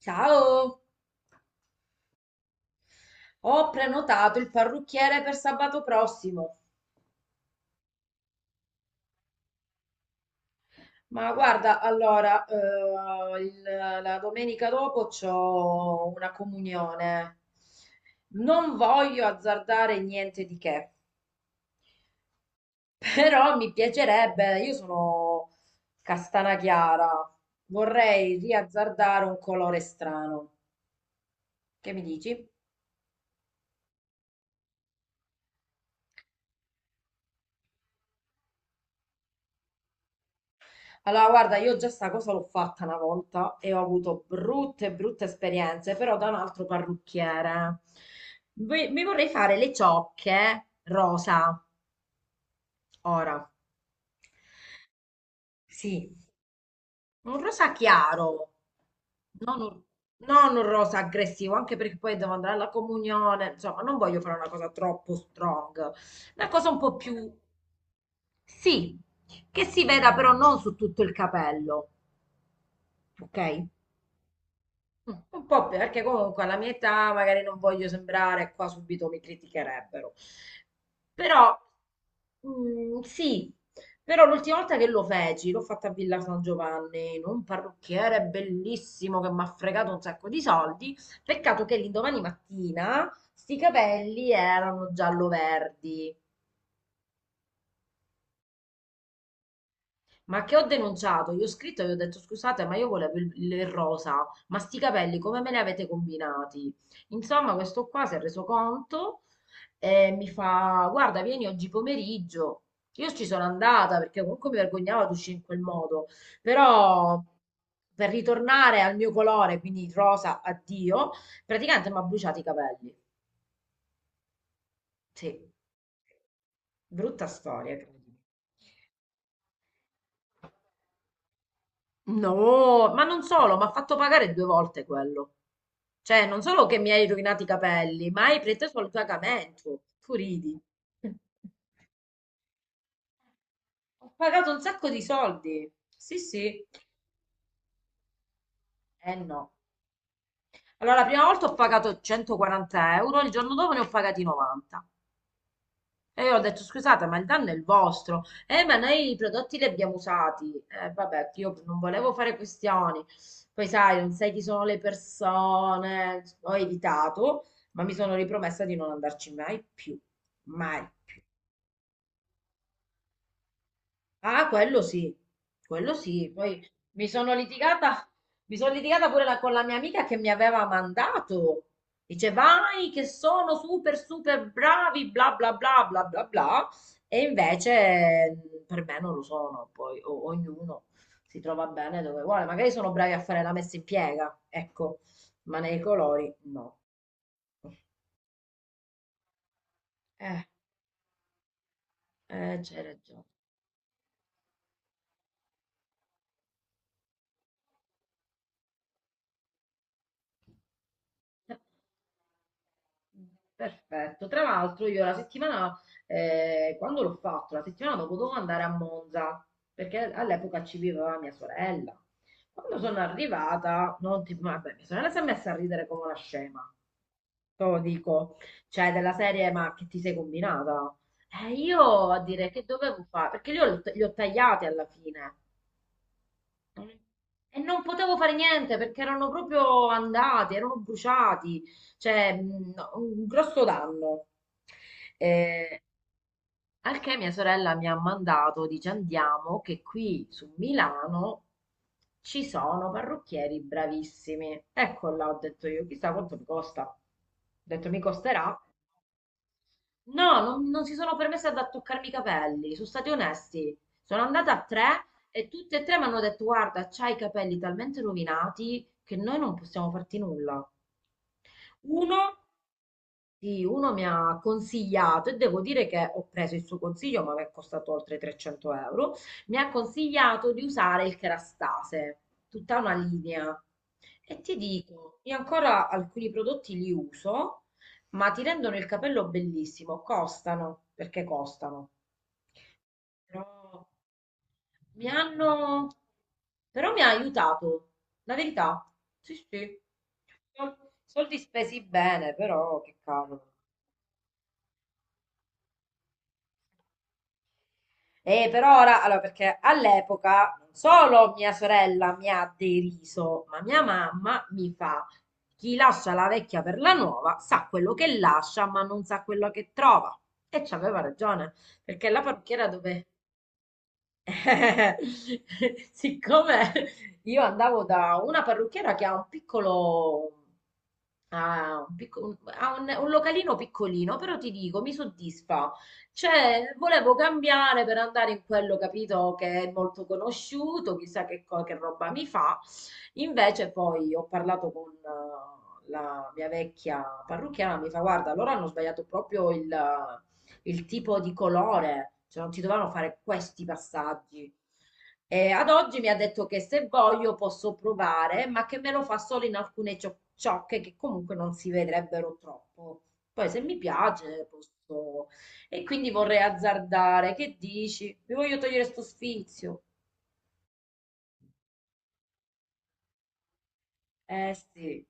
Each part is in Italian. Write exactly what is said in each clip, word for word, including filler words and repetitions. Ciao, ho prenotato il parrucchiere per sabato prossimo, ma guarda, allora, eh, il- la domenica dopo c'ho una comunione. Non voglio azzardare niente di che, però mi piacerebbe, io sono castana chiara, vorrei riazzardare un colore strano. Che mi dici? Allora, guarda, io già sta cosa l'ho fatta una volta e ho avuto brutte, brutte esperienze, però da un altro parrucchiere. Vi- Mi vorrei fare le ciocche rosa, ora. Sì, un rosa chiaro, non un, non un rosa aggressivo, anche perché poi devo andare alla comunione, insomma, non voglio fare una cosa troppo strong, una cosa un po' più, sì, che si veda però non su tutto il capello, ok? Mm, Un po' perché comunque alla mia età magari non voglio sembrare, qua subito mi criticherebbero. Però mm, sì, però l'ultima volta che lo feci, l'ho fatta a Villa San Giovanni, in un parrucchiere bellissimo che mi ha fregato un sacco di soldi. Peccato che l'indomani mattina sti capelli erano giallo-verdi. Ma che ho denunciato? Io ho scritto e gli ho detto scusate, ma io volevo il, il rosa, ma sti capelli come me li avete combinati? Insomma, questo qua si è reso conto e mi fa guarda, vieni oggi pomeriggio. Io ci sono andata perché comunque mi vergognavo ad uscire in quel modo, però per ritornare al mio colore, quindi rosa, addio, praticamente mi ha bruciato i capelli. Sì, brutta storia, credimi. No, ma non solo, mi ha fatto pagare due volte quello. Cioè, non solo che mi hai rovinato i capelli, ma hai preteso il pagamento. Tu ridi. Ho pagato un sacco di soldi. Sì, sì. Eh no. Allora, la prima volta ho pagato centoquaranta euro, il giorno dopo ne ho pagati novanta. E io ho detto, scusate, ma il danno è il vostro. Eh, ma noi i prodotti li abbiamo usati. Eh, vabbè, io non volevo fare questioni. Poi sai, non sai chi sono le persone. Ho evitato, ma mi sono ripromessa di non andarci mai più. Mai. Ah, quello sì, quello sì. Poi mi sono litigata, mi sono litigata pure la- con la mia amica che mi aveva mandato. Dice, vai, che sono super, super bravi, bla bla bla bla bla bla. E invece mh, per me non lo sono. Poi o- ognuno si trova bene dove vuole. Magari sono bravi a fare la messa in piega, ecco, ma nei colori no. Eh, eh, c'è ragione. Perfetto. Tra l'altro io la settimana, eh, quando l'ho fatto, la settimana dopo dovevo andare a Monza, perché all'epoca ci viveva mia sorella. Quando sono arrivata, non ti, vabbè, mia sorella si è messa a ridere come una scema. Te lo dico, cioè della serie, ma che ti sei combinata? E io a dire che dovevo fare, perché io li ho, li ho tagliati alla fine, e non potevo fare niente perché erano proprio andati, erano bruciati, cioè mh, no, un grosso danno. Eh, al che mia sorella mi ha mandato, dice andiamo, che qui su Milano ci sono parrucchieri bravissimi. Ecco là, ho detto io, chissà quanto mi costa. Ho detto mi costerà. No, non, non si sono permesse ad toccarmi i capelli, sono stati onesti. Sono andata a tre e tutte e tre mi hanno detto: Guarda, c'hai i capelli talmente rovinati che noi non possiamo farti nulla. Uno sì, uno mi ha consigliato e devo dire che ho preso il suo consiglio, ma mi è costato oltre trecento euro. Mi ha consigliato di usare il Kerastase, tutta una linea. E ti dico, io ancora alcuni prodotti li uso, ma ti rendono il capello bellissimo. Costano, perché costano. Però mi hanno... Però mi ha aiutato, la verità. Sì, sì. Sol- Soldi spesi bene, però che cavolo. E per ora, allora, perché all'epoca non solo mia sorella mi ha deriso, ma mia mamma mi fa, chi lascia la vecchia per la nuova sa quello che lascia, ma non sa quello che trova. E c'aveva ragione, perché la parrucchiera dove eh, Siccome io andavo da una parrucchiera che ha un piccolo, ha un, picco- un- ha un- un localino piccolino, però ti dico, mi soddisfa. Cioè, volevo cambiare per andare in quello, capito, che è molto conosciuto, chissà che, co- che roba mi fa. Invece poi ho parlato con eh, la mia vecchia parrucchiera, mi fa, guarda, loro hanno sbagliato proprio il il tipo di colore, cioè non si dovevano fare questi passaggi. E ad oggi mi ha detto che se voglio posso provare, ma che me lo fa solo in alcune cio- ciocche che comunque non si vedrebbero troppo. Poi se mi piace posso... E quindi vorrei azzardare. Che dici? Mi voglio togliere sto sfizio. Eh sì.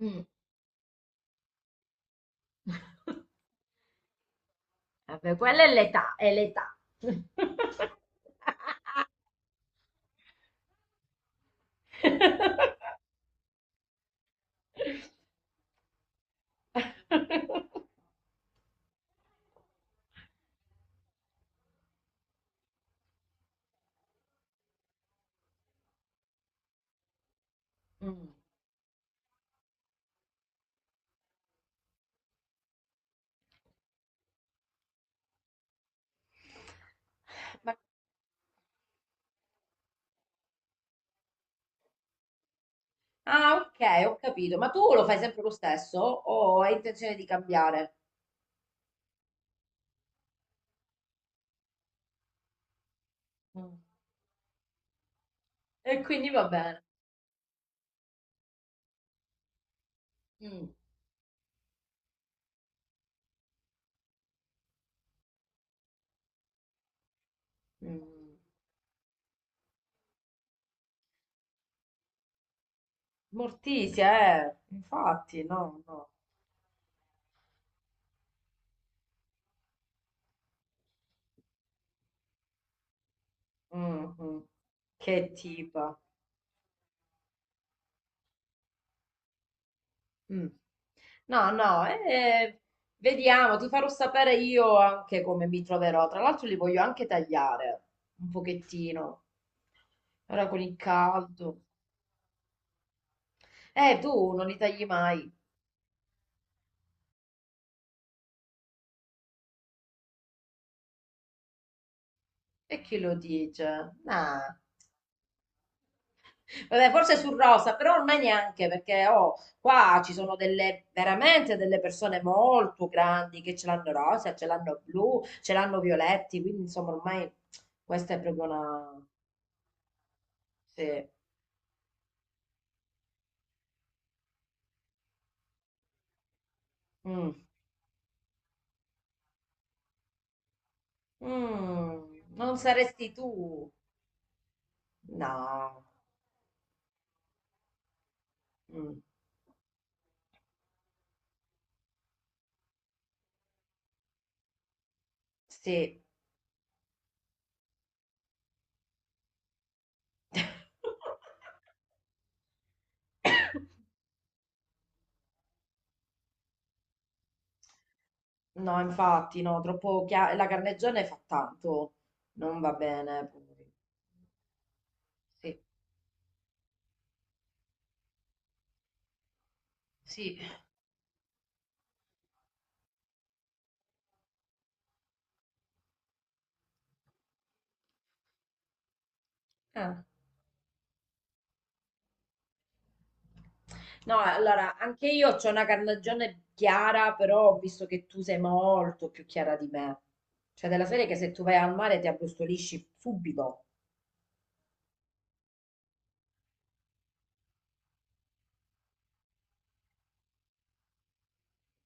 Mm. Vabbè, quella è l'età, è l'età. Mm. Ma- Ah, ok, ho capito. Ma tu lo fai sempre lo stesso o hai intenzione di cambiare? Mm. E quindi va bene. Mm. Mm. Morticia, eh. Infatti, no, no. Mm, mm. Che tipo. Mm. No, no, eh, vediamo, ti farò sapere io anche come mi troverò. Tra l'altro li voglio anche tagliare un pochettino, ora con il caldo. Eh, tu non li tagli mai. E chi lo dice? Ah. Vabbè, forse sul rosa, però ormai neanche perché oh, qua ci sono delle veramente delle persone molto grandi che ce l'hanno rosa, ce l'hanno blu, ce l'hanno violetti, quindi insomma ormai questa è proprio una... Sì. Mm. Mm. Non saresti tu? No. Mm. Sì. No, infatti, no, troppo chia- La carnegione fa tanto. Non va bene. Poi. Sì, sì. Eh. No, allora, anche io ho una carnagione chiara, però ho visto che tu sei molto più chiara di me. Cioè, della serie che se tu vai al mare ti abbrustolisci subito.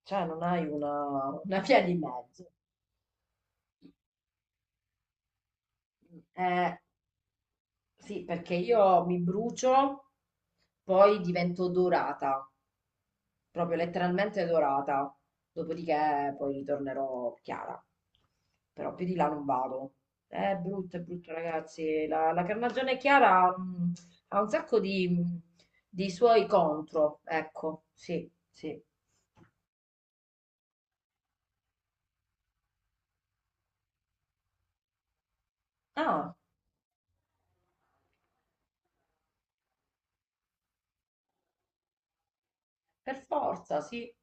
Cioè, non hai una, una via di mezzo. Eh, sì, perché io mi brucio, poi divento dorata. Proprio letteralmente dorata. Dopodiché poi ritornerò chiara. Però più di là non vado. È brutto, è brutto, ragazzi. La, la carnagione chiara mh, ha un sacco di, mh, di suoi contro. Ecco, sì, sì. Ah, per forza, sì.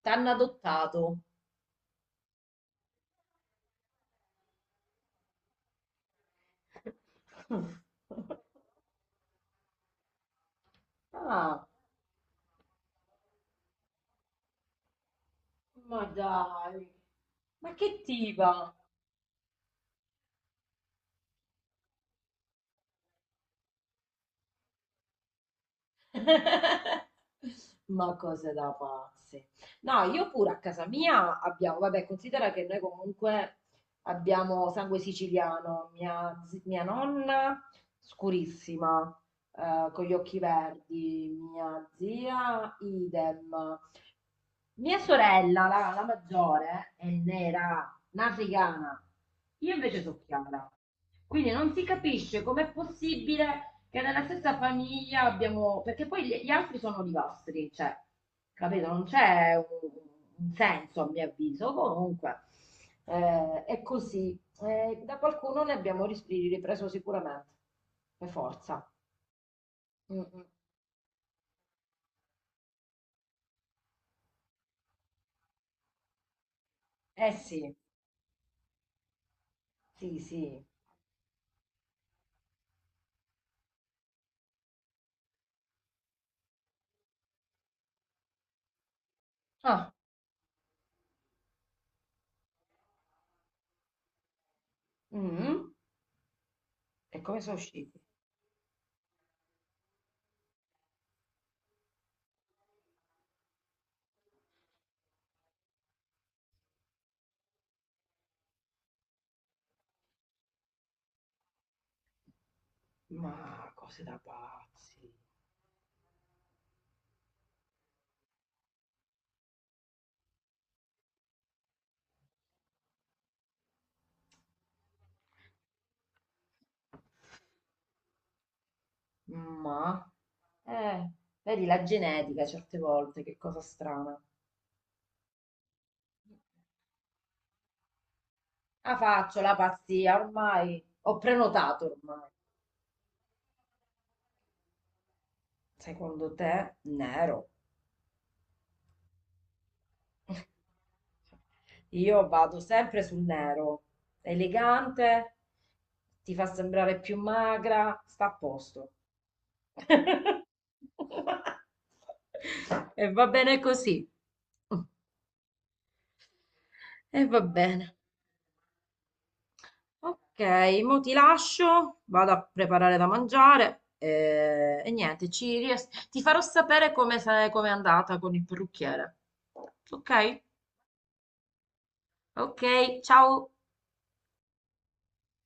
T'hanno adottato. Ah, ma dai, ma che tipa? Ma cose da pazzi. No, io pure a casa mia abbiamo, vabbè, considera che noi comunque abbiamo sangue siciliano, mia, zi- mia nonna scurissima, eh, con gli occhi verdi, mia zia idem, mia sorella, la, la maggiore, è nera, africana. Io invece sono chiara. Quindi non si capisce com'è possibile che nella stessa famiglia abbiamo... Perché poi gli, gli altri sono olivastri, cioè, capito? Non c'è un, un senso, a mio avviso. Comunque, eh, è così. Eh, da qualcuno ne abbiamo ris- ripreso sicuramente, per forza. Mm, mm. Eh sì, sì, sì. Ah, Mm. E come sono usciti? Ma cose da pazzi. Ma, eh, vedi la genetica certe volte, che cosa strana. Ah, faccio la pazzia, ormai ho prenotato ormai. Secondo te, nero. Io vado sempre sul nero. Elegante, ti fa sembrare più magra, sta a posto. E va bene così. E va bene. Ok, mo ti lascio, vado a preparare da mangiare eh, e, niente, ci ries- ti farò sapere come, se- come è andata con il parrucchiere. Ok? Ok, ciao.